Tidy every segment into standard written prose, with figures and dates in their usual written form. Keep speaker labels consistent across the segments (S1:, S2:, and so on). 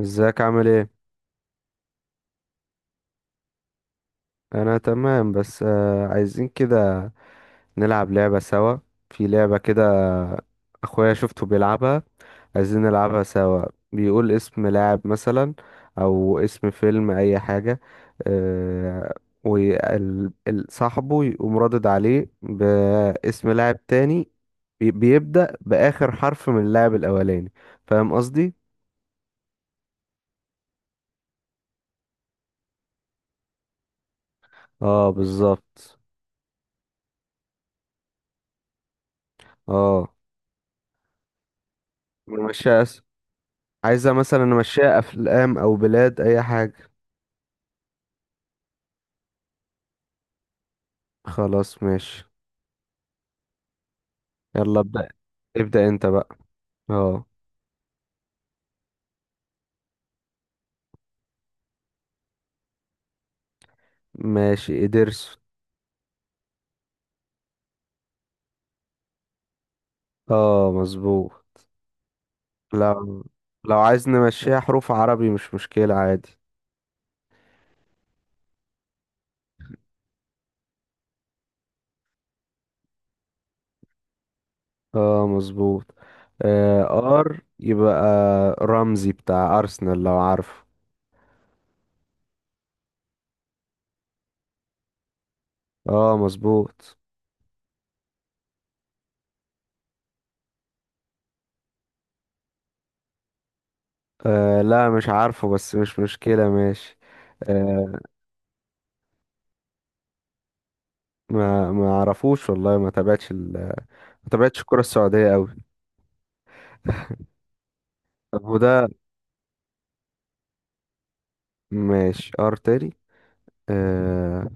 S1: ازيك، عامل ايه؟ انا تمام بس عايزين كده نلعب لعبة سوا. في لعبة كده اخويا شفته بيلعبها، عايزين نلعبها سوا. بيقول اسم لاعب مثلا او اسم فيلم اي حاجة. آه وصاحبه يقوم رادد عليه باسم لاعب تاني. بيبدأ بآخر حرف من اللاعب الاولاني. فاهم قصدي؟ اه بالظبط. اه مش عايزة مثلا نمشيها أفلام أو بلاد أي حاجة. خلاص ماشي. يلا ابدأ. ابدأ أنت بقى. اه. ماشي إدرس. اه مظبوط. لو لو عايز نمشيها حروف عربي مش مشكلة عادي. اه مظبوط. آه. ار يبقى رمزي بتاع أرسنال لو عارفه. اه مظبوط. آه، لا مش عارفه بس مش مشكلة ماشي. آه. ما اعرفوش والله، ما تابعتش الكرة السعودية قوي. طب وده. ماشي ار تاني. آه،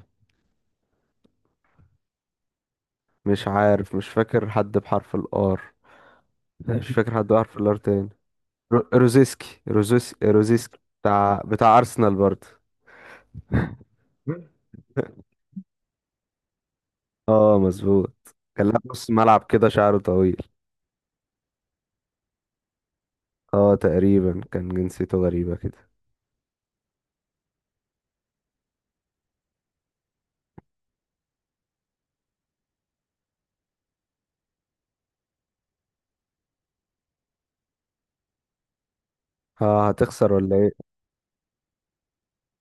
S1: مش عارف، مش فاكر حد بحرف الار. مش فاكر حد بحرف الار تاني. روزيسكي بتاع ارسنال برضه. اه مظبوط، كان لاعب نص ملعب كده، شعره طويل. اه تقريبا كان جنسيته غريبة كده. اه هتخسر ولا ايه؟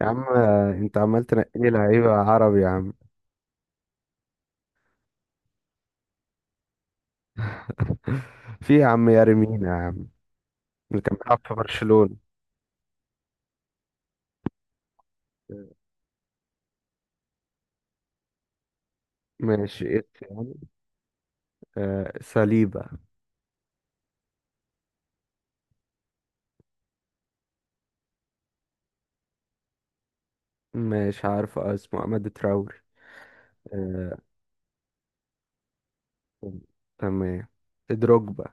S1: يا عم، انت عمال تنقي لي لعيبة عربي يا عم. في يا عم، يارمين يا عم اللي كان بيلعب في برشلونة. ماشي إيه يعني. آه، ساليبا. مش عارف اسمه عماد تراوري. آه. تمام. دروجبا.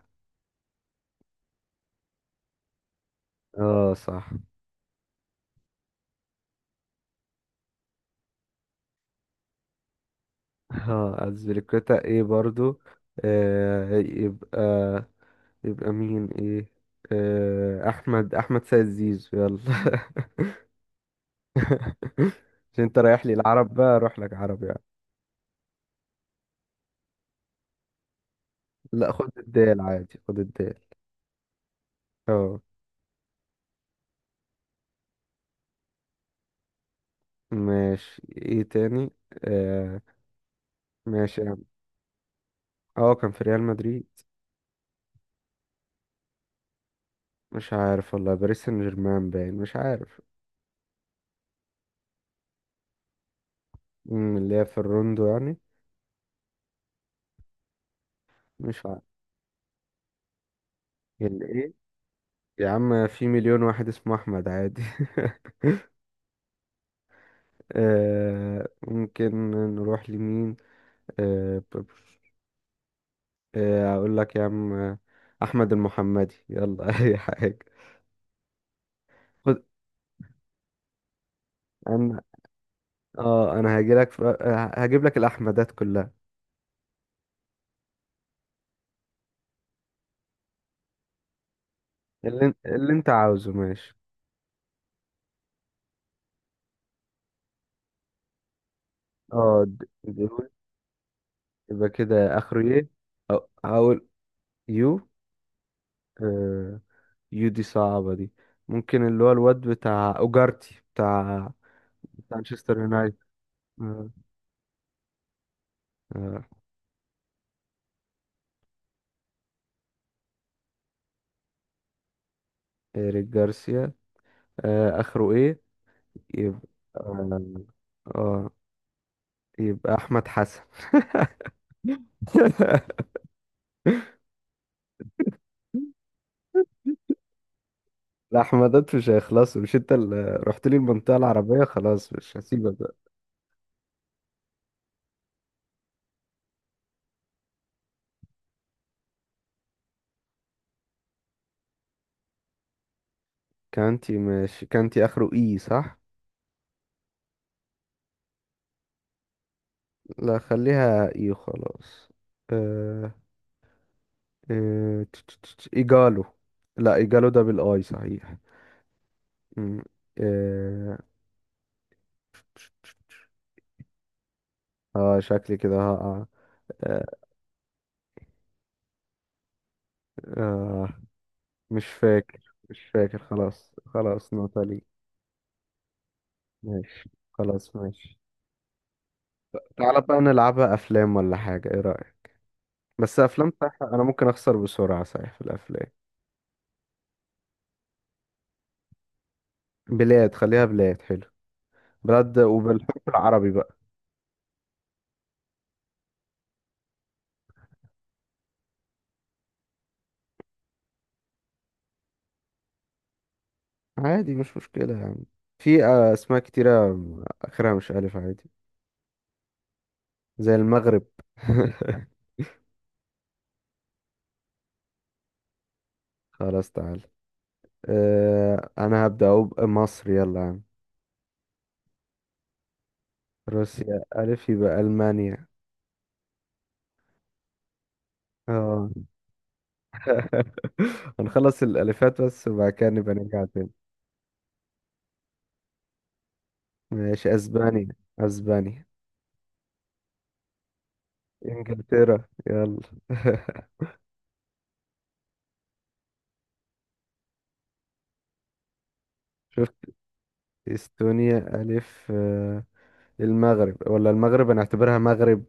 S1: اه صح. اه أزبيليكويتا ايه برضو. آه. يبقى مين ايه. آه، احمد سيد زيزو يلا. عشان انت رايح لي العرب بقى اروح لك عرب يعني. لا خد الدال عادي، خد الدال. اه. ماشي ايه تاني. آه ماشي يا عم. اه كان في ريال مدريد. مش عارف والله، باريس سان جيرمان باين، مش عارف. اللي هي في الروندو يعني. مش عارف. اللي ايه. يا عم في مليون واحد اسمه احمد عادي. آه ممكن. نروح لمين. آه، آه اقول لك يا عم، احمد المحمدي يلا. اي حاجه. خد. انا. اه انا هاجي لك في... آه، هجيب لك الاحمدات كلها. اللي انت عاوزه ماشي. اه دول. يبقى كده اخره ايه. هقول يو. آه، يو دي صعبة دي. ممكن اللي هو الواد بتاع أوجارتي بتاع مانشستر يونايتد. آه. آه، إيريك جارسيا. آه، آخره إيه. يبقى. آه. آه. يبقى أحمد حسن. الأحمدات مش هيخلصوا، مش أنت اللي رحت لي المنطقة العربية؟ خلاص مش هسيبك بقى. كانتي، ماشي كانتي آخره إي صح؟ لا خليها إي خلاص. آه. آه، إيجالو. لا إيجالو ده بالآي صحيح. مم. إيه... اه شكلي كده هقع. آه. آه. مش فاكر خلاص خلاص نطلي. ماشي خلاص ماشي. تعالى بقى نلعبها افلام ولا حاجة، ايه رأيك؟ بس افلام صح، انا ممكن اخسر بسرعة صحيح في الافلام. بلاد خليها بلاد حلو. بلاد وبالحروف العربي بقى. عادي مش مشكلة يعني. في اسماء كتيرة اخرها مش الف عادي، زي المغرب. خلاص تعالى. آه انا هبدأ اهو بمصر يلا يا عم. روسيا الف يبقى المانيا. اه. هنخلص الالفات بس وبعد كده نبقى نرجع تاني. ماشي اسبانيا. اسبانيا. انجلترا يلا. شفت. استونيا الف آه. المغرب ولا المغرب، انا اعتبرها مغرب.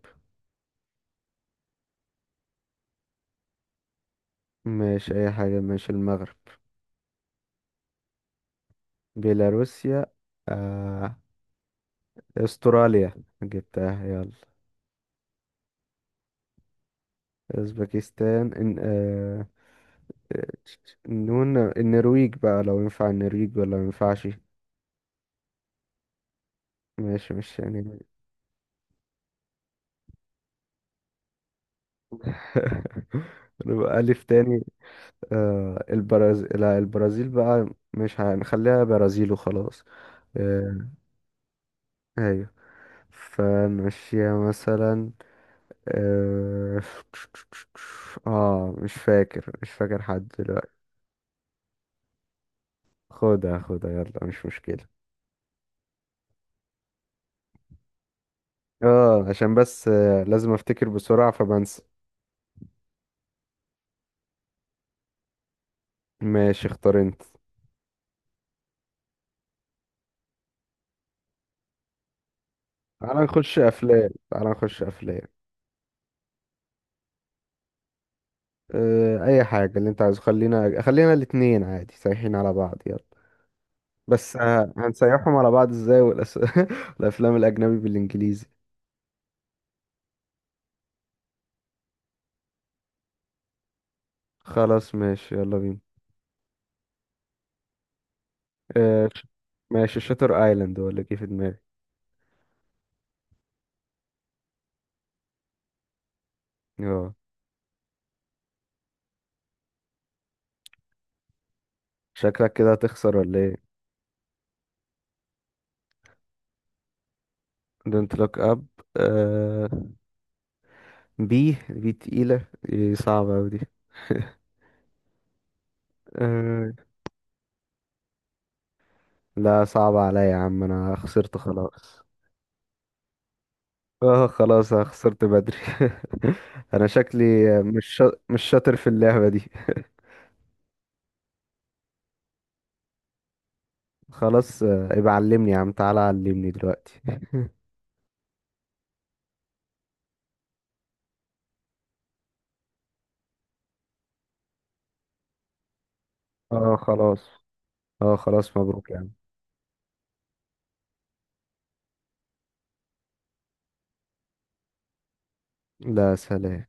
S1: مش اي حاجة مش المغرب. بيلاروسيا. آه. استراليا. جبتها يلا. اوزبكستان إن... آه. نون. النرويج بقى لو ينفع، النرويج ولا ما ينفعش. ماشي مش يعني. نبقى ألف تاني. آه البرازيل، لا البرازيل بقى. مش هنخليها برازيل وخلاص. آه. أيوة. فنمشيها مثلا. آه. آه مش فاكر حد دلوقتي. خدها خدها يلا مش مشكلة. اه عشان بس لازم افتكر بسرعة فبنسى. ماشي اختار انت. تعالى نخش افلام. أه اي حاجه اللي انت عايزه، خلينا الاتنين عادي سايحين على بعض يلا. بس هنسيحهم على بعض ازاي الافلام الاجنبي بالانجليزي. خلاص ماشي يلا بينا. أه ماشي شاتر ايلاند ولا جه في دماغي. اه. شكلك كده هتخسر ولا ايه. دونت لوك اب. أه. بي تقيله. إيه صعبه اوي دي. أه. لا صعبه عليا يا عم، انا خسرت خلاص. اه خلاص انا خسرت بدري. انا شكلي مش شاطر في اللعبة دي. خلاص يبقى علمني يا عم، تعالى علمني دلوقتي. اه خلاص. اه خلاص مبروك يا عم. لا، سلام.